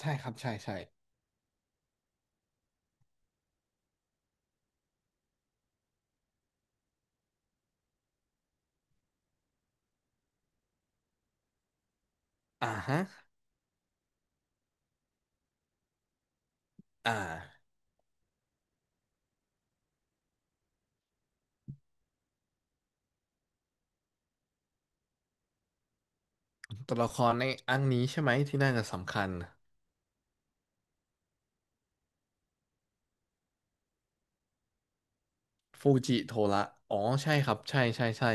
ใช่ครับใช่ใช่อ่าฮะอ่าตัวละครในอันนี้ใช่ไหมที่น่าจะสำคัญฟูจิโทระอ๋อใช่ครับใช่ใช่ใช่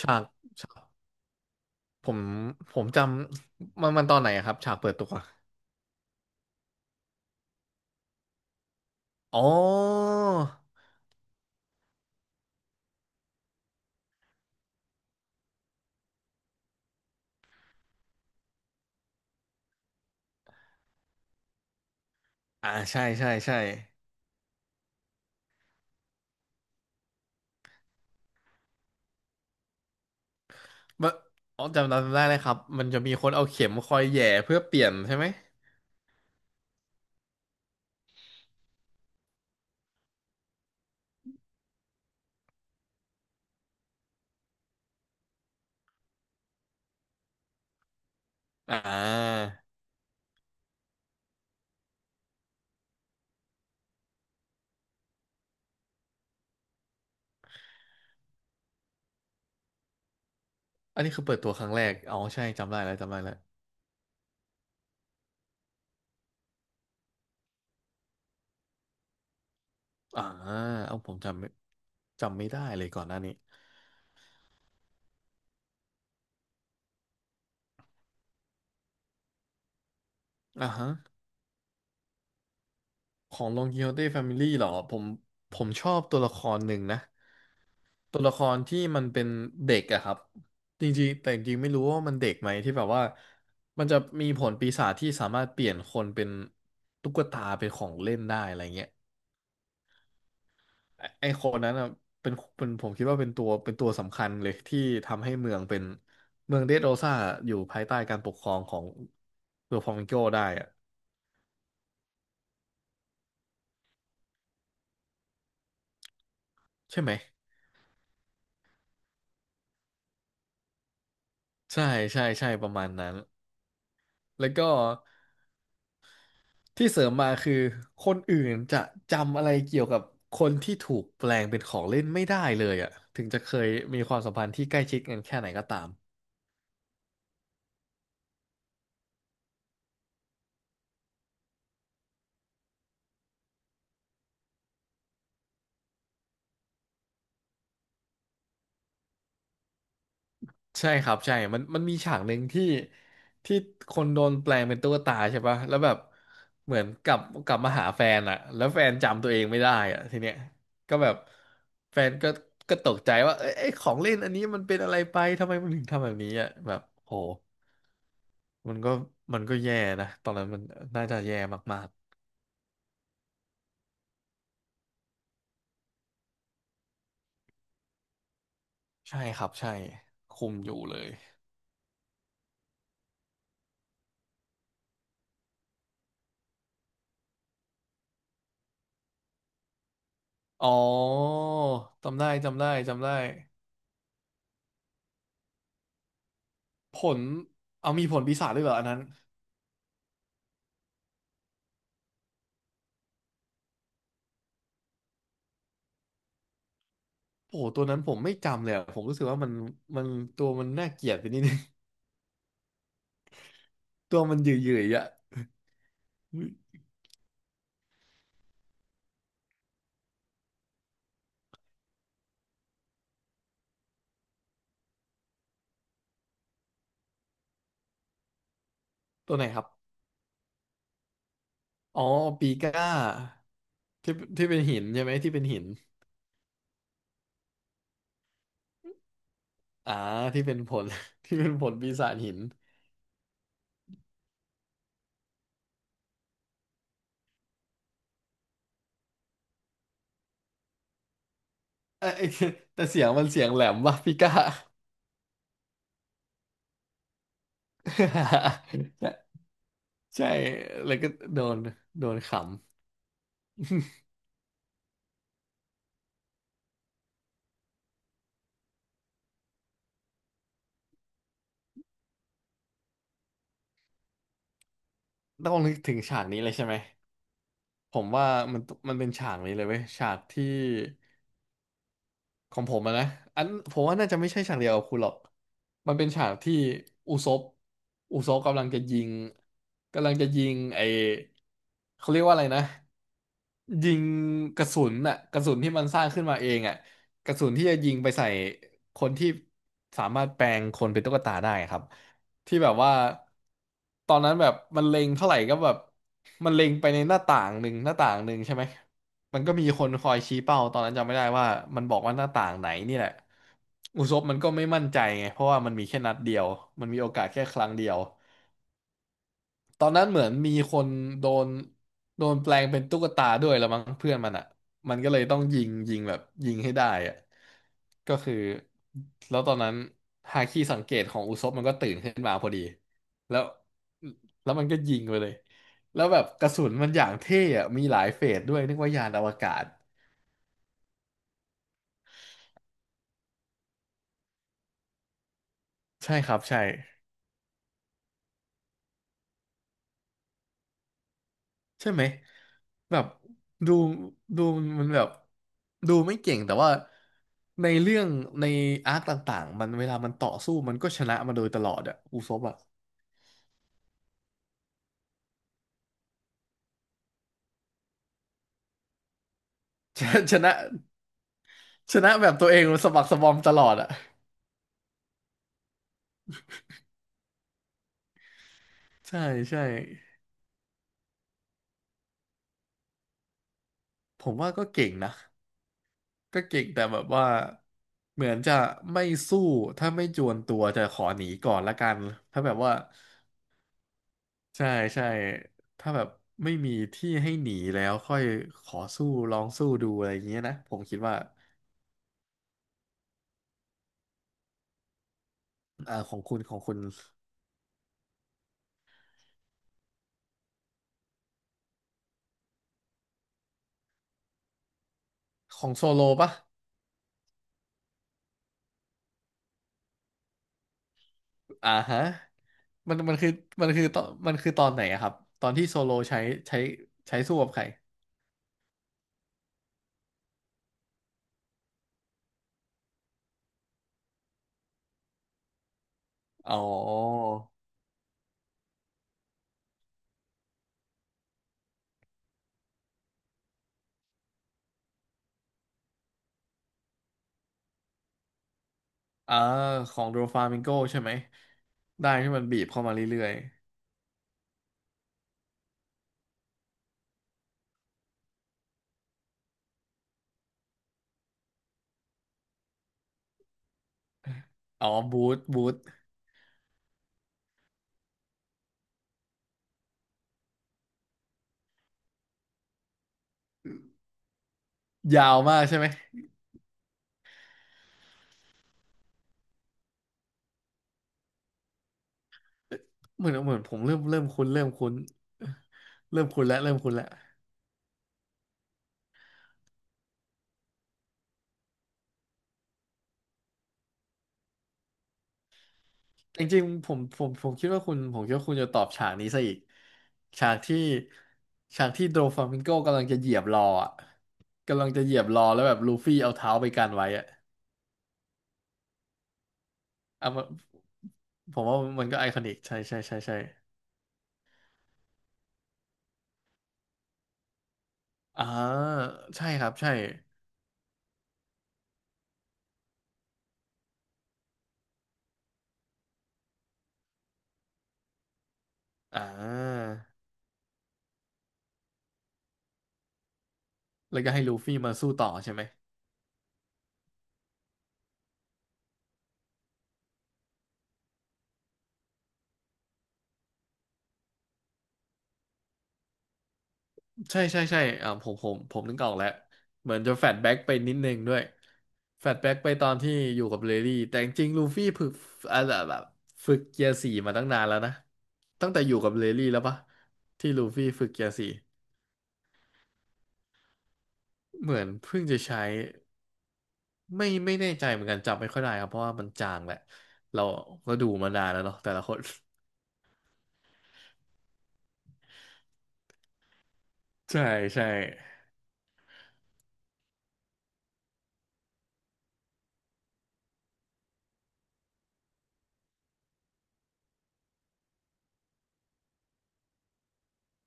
ฉากฉากผมผมจำมันตอนไหนอะครับฉากเปิดตัวอ๋ออ่าใช่ใช่ใช่เมื่ออ๋อจำได้เลยครับมันจะมีคนเอาเข็มคอยแหย่เพื่อเปลี่ยนใช่ไหมอ่าอันนี้คือเปิดตัวครั้งแรกอ๋อใช่จำได้แล้วจำได้แล้วอ่าเอาผมจำไม่จำไม่ได้เลยก่อนหน้านี้อ่าฮะ ของลองกิโฮเต้แฟมิลี่เหรอผมผมชอบตัวละครหนึ่งนะตัวละครที่มันเป็นเด็กอะครับจริงๆแต่จริงๆไม่รู้ว่ามันเด็กไหมที่แบบว่ามันจะมีผลปีศาจที่สามารถเปลี่ยนคนเป็นตุ๊กตาเป็นของเล่นได้อะไรเงี้ยไอ้คนนั้นอะเป็นผมคิดว่าเป็นตัวสำคัญเลยที่ทำให้เมืองเป็นเมืองเดดโรซ่าอยู่ภายใต้การปกครองของเวลฟองโกได้อะใช่ไหมใช่ใช่ใช่ประมาณนั้นแล้วก็ ที่เสริมมาคือคนอื่นจะจำอะไรเกี่ยวกับคนที่ถูกแปลงเป็นของเล่นไม่ได้เลยอ่ะถึงจะเคยมีความสัมพันธ์ที่ใกล้ชิดกันแค่ไหนก็ตาม ใช่ครับใช่มันมีฉากหนึ่งที่ที่คนโดนแปลงเป็นตุ๊กตาใช่ปะแล้วแบบเหมือนกลับมาหาแฟนอ่ะแล้วแฟนจำตัวเองไม่ได้อ่ะทีเนี้ยก็แบบแฟนก็ตกใจว่าเอ้ยไอ้ของเล่นอันนี้มันเป็นอะไรไป ทำไมมันถึงทำแบบนี้อ่ะแบบโหมันก็มันก็แย่นะตอนนั้นมันน่าจะแย่มากๆใช่ครับใช่คุมอยู่เลยอ๋อจำได้จำได้จำได้ผลเอามีผลปีศาจด้วยเหรออันนั้น โอ้โหตัวนั้นผมไม่จำเลยอะผมรู้สึกว่ามันตัวมันน่าเกลียดไปนิดนึง ตัวมันหยื่อยๆอ่ะอุ๊ยตัวไหนครับอ๋อปีก้าที่เป็นหินใช่ไหมที่เป็นหินอ่าที่เป็นผล ที่เป็นผลปีศาจหินเอ้ย แต่เสียงมันเสียงแหลมว่ะปีก้า ใช่ใช่แล้วก็โดนโดนขำต้องนึกถึงฉากนี้เลยใช่ไหมผมว่ามันมันเป็นฉากนี้เลยเว้ยฉากที่ ของผมอะนะอันผมว่าน่าจะไม่ใช่ฉากเดียวกับคุณหรอกมันเป็นฉากที่อุซบอุซบกำลังจะยิงกำลังจะยิงไอเขาเรียกว่าอะไรนะยิงกระสุนน่ะกระสุนที่มันสร้างขึ้นมาเองอ่ะกระสุนที่จะยิงไปใส่คนที่สามารถแปลงคนเป็นตุ๊กตาได้ครับที่แบบว่าตอนนั้นแบบมันเล็งเท่าไหร่ก็แบบมันเล็งไปในหน้าต่างหนึ่งหน้าต่างหนึ่งใช่ไหม มันก็มีคนคอยชี้เป้าตอนนั้นจำไม่ได้ว่ามันบอกว่าหน้าต่างไหนนี่แหละอุซบมันก็ไม่มั่นใจไงเพราะว่ามันมีแค่นัดเดียว มันมีโอกาสแค่ครั้งเดียวตอนนั้นเหมือนมีคนโดนโดนแปลงเป็นตุ๊กตาด้วยละมั้งเพื่อนมันอ่ะมันก็เลยต้องยิงยิงแบบยิงให้ได้อ่ะก็คือแล้วตอนนั้นฮาคิสังเกตของอุซบมันก็ตื่นขึ้นมาพอดีแล้วแล้วมันก็ยิงไปเลยแล้วแบบกระสุนมันอย่างเท่อะมีหลายเฟสด้วยนึกว่ายานอวกาศ ใช่ครับใช่ใช่ไหมแบบดูดูมันแบบดูไม่เก่งแต่ว่าในเรื่องในอาร์คต่างๆมันเวลามันต่อสู้มันก็ชนะมาโดยตลอดอะอุซบอะ ชนะชนะชนะแบบตัวเองสะบักสะบอมตลอดอะใช่ใช่ผมว่าก็เก่งนะก็เก่งแต่แบบว่าเหมือนจะไม่สู้ถ้าไม่จวนตัวจะขอหนีก่อนละกันถ้าแบบว่า ใช่ใช่ถ้าแบบไม่มีที่ให้หนีแล้วค่อยขอสู้ลองสู้ดูอะไรอย่างเงี้ยนะผมคิดว่าของคุณของโซโลปะอ่าฮะมันมันคือตอนมันคือตอนไหนอะครับตอนที่โซโลใช้ใช้ใช้สู้กับใครอ๋ออ่าของโดฟามิงโกใช่ไหมได้ที่มันบีบเข้ามาเรื่อยๆอ๋อบูทยาวมากใช่ไหมเหมือนผมเริ่มคุ้นเริ่มคุ้นแล้ว จริงๆผมคิดว่าคุณผมคิดว่าคุณจะตอบฉากนี้ซะอีกฉากที่ฉากที่โดฟลามิงโกกำลังจะเหยียบรออ่ะกำลังจะเหยียบรอแล้วแบบลูฟี่เอาเท้าไปกันไว้อ่ะเอามาผมว่ามันก็ไอคอนิกใช่ใช่ใช่ใช่อ่าใช่ครับใช่อ่าแล้วก็ให้ลูฟี่มาสู้ต่อใช่ไหม ใช่ใช่ใช่ผมนึกออกแล้วเหมือนจะแฟดแบ็กไปนิดนึงด้วยแฟดแบ็กไปตอนที่อยู่กับเลดี้แต่จริงๆลูฟี่ฝึกอ่าแบบฝึกเกียร์สี่มาตั้งนานแล้วนะตั้งแต่อยู่กับเลดี้แล้วปะที่ลูฟี่ฝึกเกียร์สี่เหมือนเพิ่งจะใช้ไม่แน่ใจเหมือนกันจำไม่ค่อยได้ครับเพราะว่ามันจางแหละเราก็ดูมานานแล้วเนาะแต่ละคน ใช่ใช่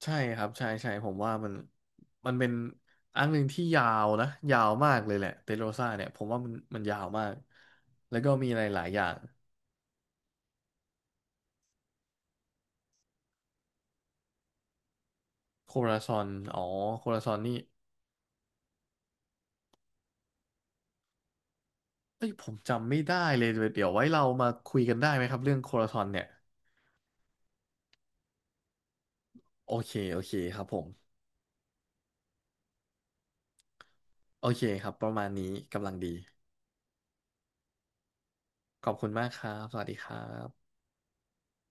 ใช่ครับใช่ใช่ผมว่ามันมันเป็นอันหนึ่งที่ยาวนะยาวมากเลยแหละเตโรซ่าเนี่ยผมว่ามันยาวมากแล้วก็มีอะไรหลายอย่างโคราซอนอ๋อโคราซอนนี่เอ้ยผมจำไม่ได้เลยเดี๋ยวไว้เรามาคุยกันได้ไหมครับเรื่องโคราซอนเนี่ยโอเคโอเคครับผมโอเคครับประมาณนี้กำลังดีขอบคุณมากครับสวัสดีครับ